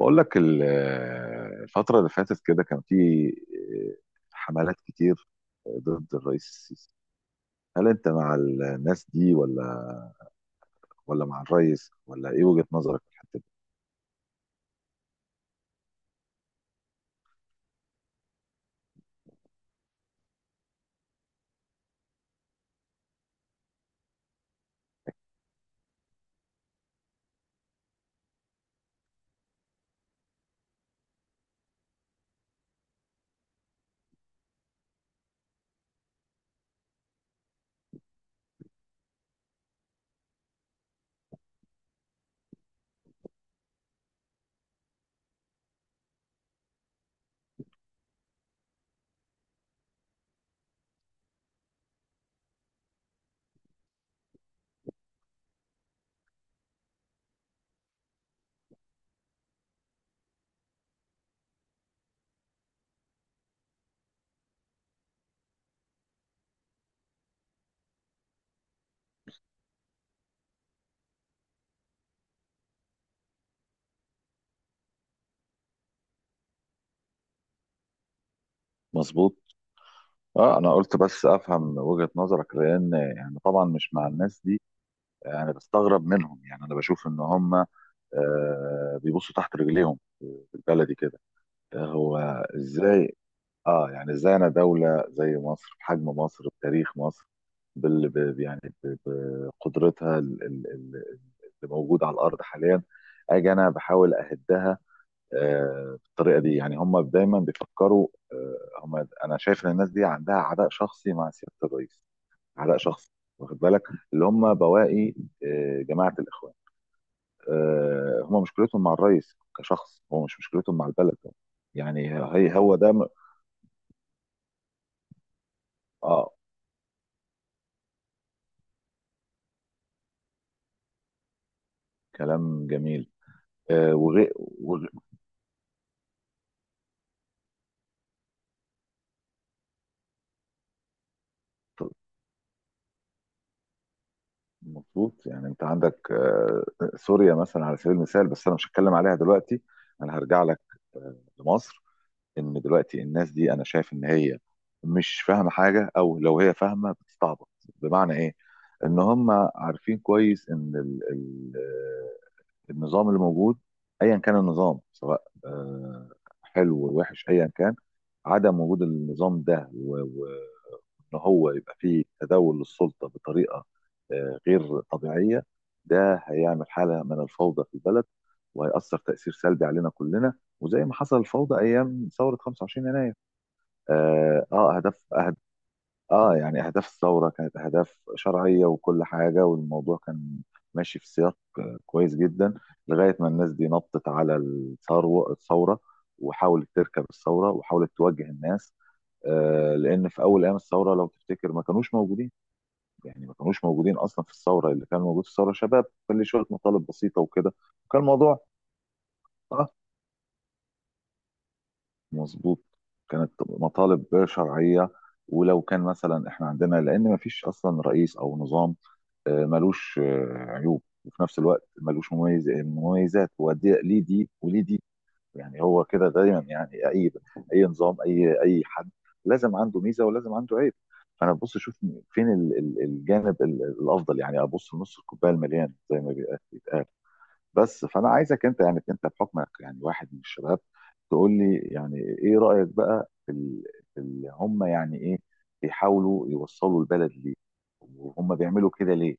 بقول لك الفترة اللي فاتت كده كان في آه، حملات كتير ضد الرئيس السيسي. هل انت مع الناس دي ولا مع الرئيس ولا ايه وجهة نظرك في الحتة دي؟ مظبوط. اه انا قلت بس افهم وجهة نظرك، لان يعني طبعا مش مع الناس دي. انا بستغرب منهم، يعني انا بشوف ان هم بيبصوا تحت رجليهم بالبلدي كده. هو ازاي؟ اه يعني ازاي انا دولة زي مصر، بحجم مصر، بتاريخ مصر، بال ب- يعني ب- بقدرتها ال- ال- ال- اللي موجودة على الأرض حاليا، أجي أنا بحاول أهدها بالطريقة دي؟ يعني هم دايما بيفكروا هم أنا شايف إن الناس دي عندها عداء شخصي مع سيادة الرئيس، عداء شخصي، واخد بالك؟ اللي هم بواقي جماعة الإخوان. هم مشكلتهم مع الرئيس كشخص، هو مش مشكلتهم مع البلد. يعني هي هو ده م- اه كلام جميل. آه، وغي- وغي- مظبوط. يعني انت عندك سوريا مثلا على سبيل المثال، بس انا مش هتكلم عليها دلوقتي، انا هرجع لك لمصر. ان دلوقتي الناس دي انا شايف ان هي مش فاهمه حاجه، او لو هي فاهمه بتستعبط. بمعنى ايه؟ ان هم عارفين كويس ان النظام اللي موجود، ايا كان النظام، سواء حلو ووحش، ايا كان، عدم وجود النظام ده، ان هو يبقى فيه تداول للسلطه بطريقه غير طبيعيه، ده هيعمل حاله من الفوضى في البلد، وهيأثر تأثير سلبي علينا كلنا. وزي ما حصل الفوضى ايام ثوره 25 يناير. اه آه، اهداف أهد... اه يعني اهداف الثوره كانت اهداف شرعيه وكل حاجه، والموضوع كان ماشي في سياق كويس جدا، لغايه ما الناس دي نطت على الثوره، وحاولت تركب الثوره وحاولت توجه الناس لان في اول ايام الثوره لو تفتكر ما كانوش موجودين. يعني ما كانوش موجودين اصلا في الثوره، اللي كان موجود في الثوره شباب كان ليه شويه مطالب بسيطه وكده. كان الموضوع، اه، مظبوط، كانت مطالب شرعيه. ولو كان مثلا احنا عندنا، لان ما فيش اصلا رئيس او نظام ملوش عيوب، وفي نفس الوقت ملوش مميزات، ودي ليه دي وليه دي. يعني هو كده دايما، يعني اي اي نظام، اي حد لازم عنده ميزه ولازم عنده عيب. فانا ببص اشوف فين الجانب الافضل، يعني ابص لنص الكوبايه المليان زي ما بيتقال. بس فانا عايزك انت، يعني انت بحكمك يعني واحد من الشباب، تقول لي يعني ايه رايك بقى في هم يعني ايه بيحاولوا يوصلوا البلد ليه، وهم بيعملوا كده ليه؟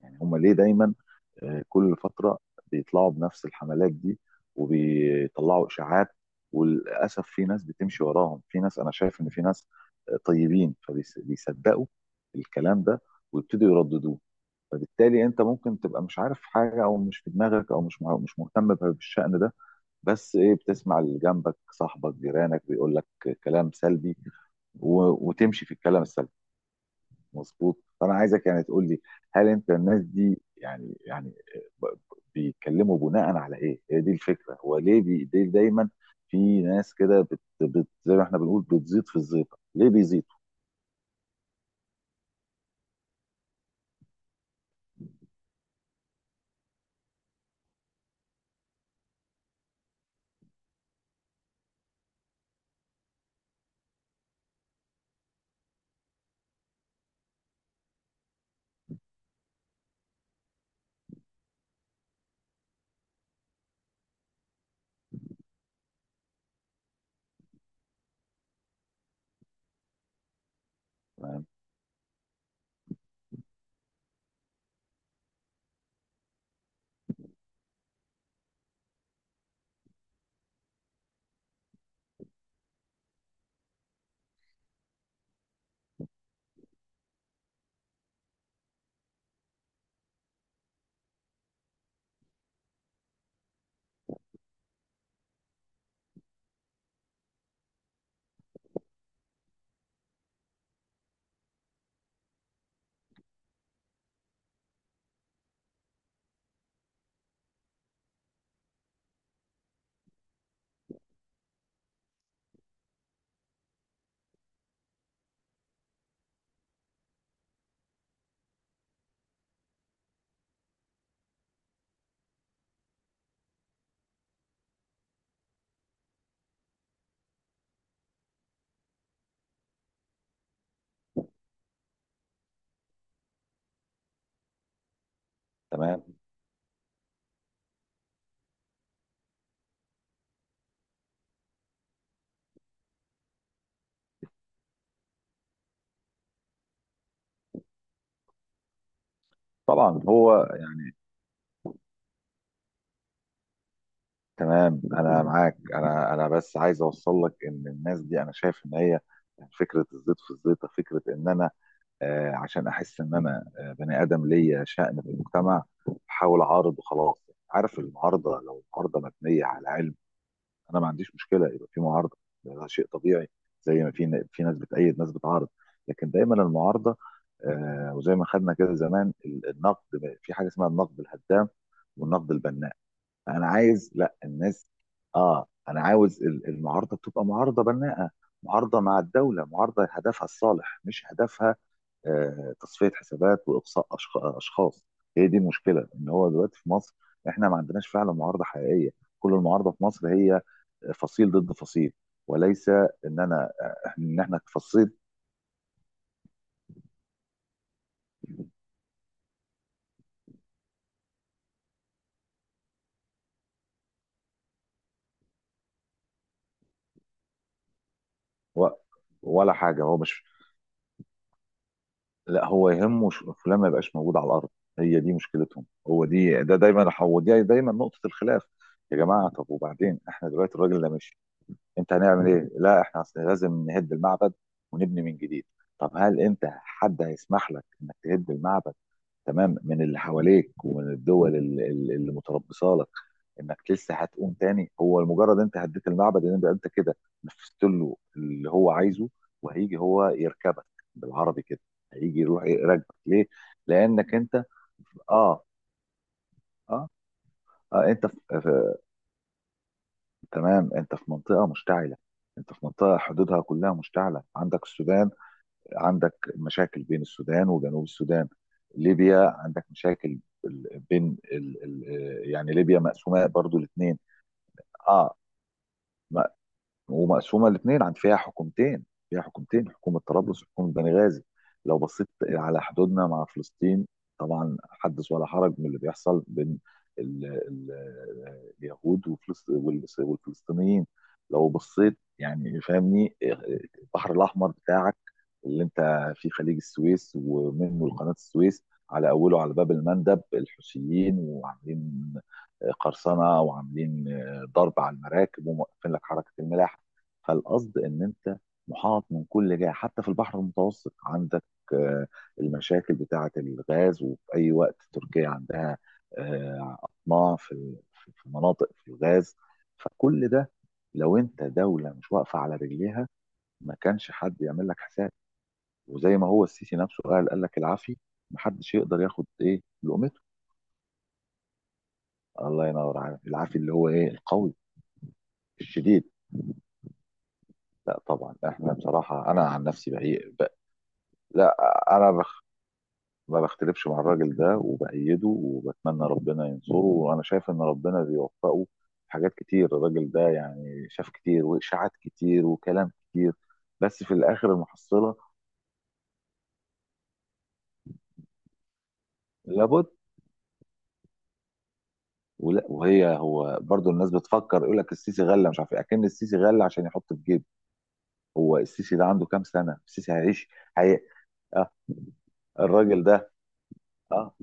يعني هم ليه دايما كل فترة بيطلعوا بنفس الحملات دي، وبيطلعوا إشاعات، وللأسف في ناس بتمشي وراهم. في ناس أنا شايف إن في ناس طيبين، فبيصدقوا الكلام ده ويبتدوا يرددوه. فبالتالي انت ممكن تبقى مش عارف حاجه، او مش في دماغك، او مش مهتم بالشأن ده، بس ايه، بتسمع اللي جنبك، صاحبك، جيرانك بيقول لك كلام سلبي و- وتمشي في الكلام السلبي. مظبوط. فانا عايزك يعني تقول لي، هل انت الناس دي يعني يعني بيتكلموا بناء على ايه؟ هي دي الفكره. هو ليه ليه دايما في ناس كده بت بت زي ما احنا بنقول بتزيط في الزيطه، ليه بيزيطوا؟ تمام تمام طبعا هو تمام، انا معاك. انا بس عايز اوصل لك ان الناس دي انا شايف ان هي فكره الزيط في الزيطه، فكره ان انا عشان احس ان انا بني ادم ليا شأن في المجتمع، بحاول اعارض وخلاص. عارف، المعارضه، لو المعارضه مبنيه على علم انا ما عنديش مشكله يبقى في معارضه، ده شيء طبيعي. زي ما في ناس بتأيد، ناس بتعارض. لكن دايما المعارضه وزي ما خدنا كده زمان النقد، في حاجه اسمها النقد الهدام والنقد البناء. انا عايز، لا الناس، اه انا عاوز المعارضه تبقى معارضه بناءه، معارضه مع الدوله، معارضه هدفها الصالح، مش هدفها تصفية حسابات وإقصاء أشخاص. هي دي المشكلة. إن هو دلوقتي في مصر إحنا ما عندناش فعلا معارضة حقيقية، كل المعارضة في مصر هي فصيل ضد فصيل، وليس إن أنا، إن إحنا كفصيل و- ولا حاجة هو مش لا، هو يهمه فلان ما يبقاش موجود على الأرض. هي دي مشكلتهم، هو دي ده دايما هو دي دايما نقطة الخلاف. يا جماعة، طب وبعدين إحنا دلوقتي الراجل ده مشي، انت هنعمل ايه؟ لا احنا اصل لازم نهد المعبد ونبني من جديد. طب هل انت حد هيسمح لك انك تهد المعبد؟ تمام؟ من اللي حواليك ومن الدول اللي متربصه لك، انك لسه هتقوم تاني؟ هو لمجرد انت هديت المعبد ان انت كده نفذت له اللي هو عايزه، وهيجي هو يركبك، بالعربي كده. هيجي يروح يراكبك ليه؟ لانك انت، اه اه, انت في تمام، انت في منطقه مشتعله. انت في منطقه حدودها كلها مشتعله. عندك السودان، عندك مشاكل بين السودان وجنوب السودان. ليبيا عندك مشاكل بين يعني ليبيا مقسومه برضو الاثنين. اه، ومقسومه الاثنين، عن فيها حكومتين. فيها حكومتين، حكومه طرابلس وحكومه بنغازي. لو بصيت على حدودنا مع فلسطين، طبعا حدث ولا حرج من اللي بيحصل بين اليهود والفلسطينيين. لو بصيت يعني، فاهمني؟ البحر الاحمر بتاعك، اللي انت في خليج السويس ومنه قناه السويس، على اوله على باب المندب الحوثيين وعاملين قرصنه، وعاملين ضرب على المراكب، وموقفين لك حركه الملاحه. فالقصد ان انت محاط من كل جهه، حتى في البحر المتوسط عندك آه، المشاكل بتاعه الغاز، وفي اي وقت تركيا عندها آه، اطماع في مناطق في الغاز. فكل ده، لو انت دوله مش واقفه على رجليها، ما كانش حد يعمل لك حساب. وزي ما هو السيسي نفسه قال، قال لك، العافي محدش يقدر ياخد ايه لقمته. الله ينور عليك، العافي اللي هو ايه، القوي الشديد. لا طبعا احنا بصراحه، انا عن نفسي لا، انا ما بختلفش مع الراجل ده، وبأيده وبتمنى ربنا ينصره، وانا شايف ان ربنا بيوفقه في حاجات كتير. الراجل ده يعني شاف كتير، واشاعات كتير، وكلام كتير، بس في الاخر المحصلة، لابد. ولا وهي هو برضو الناس بتفكر يقول لك السيسي غلى، مش عارف ايه، اكن السيسي غلى عشان يحط في جيبه. هو السيسي ده عنده كام سنة؟ السيسي هيعيش؟ هي... آه الراجل ده، اه،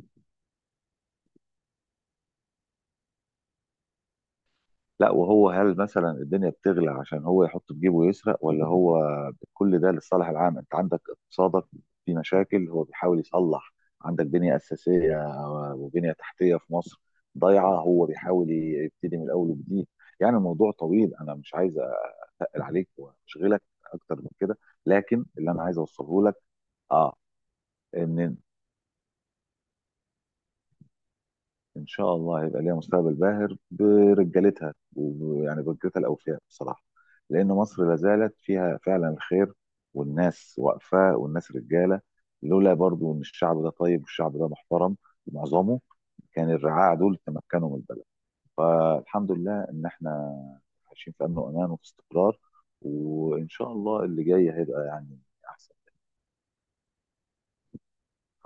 لا وهو، هل مثلا الدنيا بتغلى عشان هو يحط في جيبه ويسرق، ولا هو كل ده للصالح العام؟ انت عندك اقتصادك في مشاكل، هو بيحاول يصلح. عندك بنية أساسية وبنية تحتية في مصر ضايعة، هو بيحاول يبتدي من الأول وجديد. يعني الموضوع طويل، أنا مش عايز أقل عليك وأشغلك أكتر من كده، لكن اللي أنا عايز أوصله لك آه إن، ان شاء الله هيبقى ليها مستقبل باهر برجالتها، ويعني برجالتها الاوفياء بصراحه، لان مصر لا زالت فيها فعلا الخير، والناس واقفه والناس رجاله. لولا برضو ان الشعب ده طيب والشعب ده محترم معظمه، كان الرعاع دول تمكنوا من البلد. فالحمد لله ان احنا عايشين في امن وامان وفي استقرار، وان شاء الله اللي جاي هيبقى يعني احسن.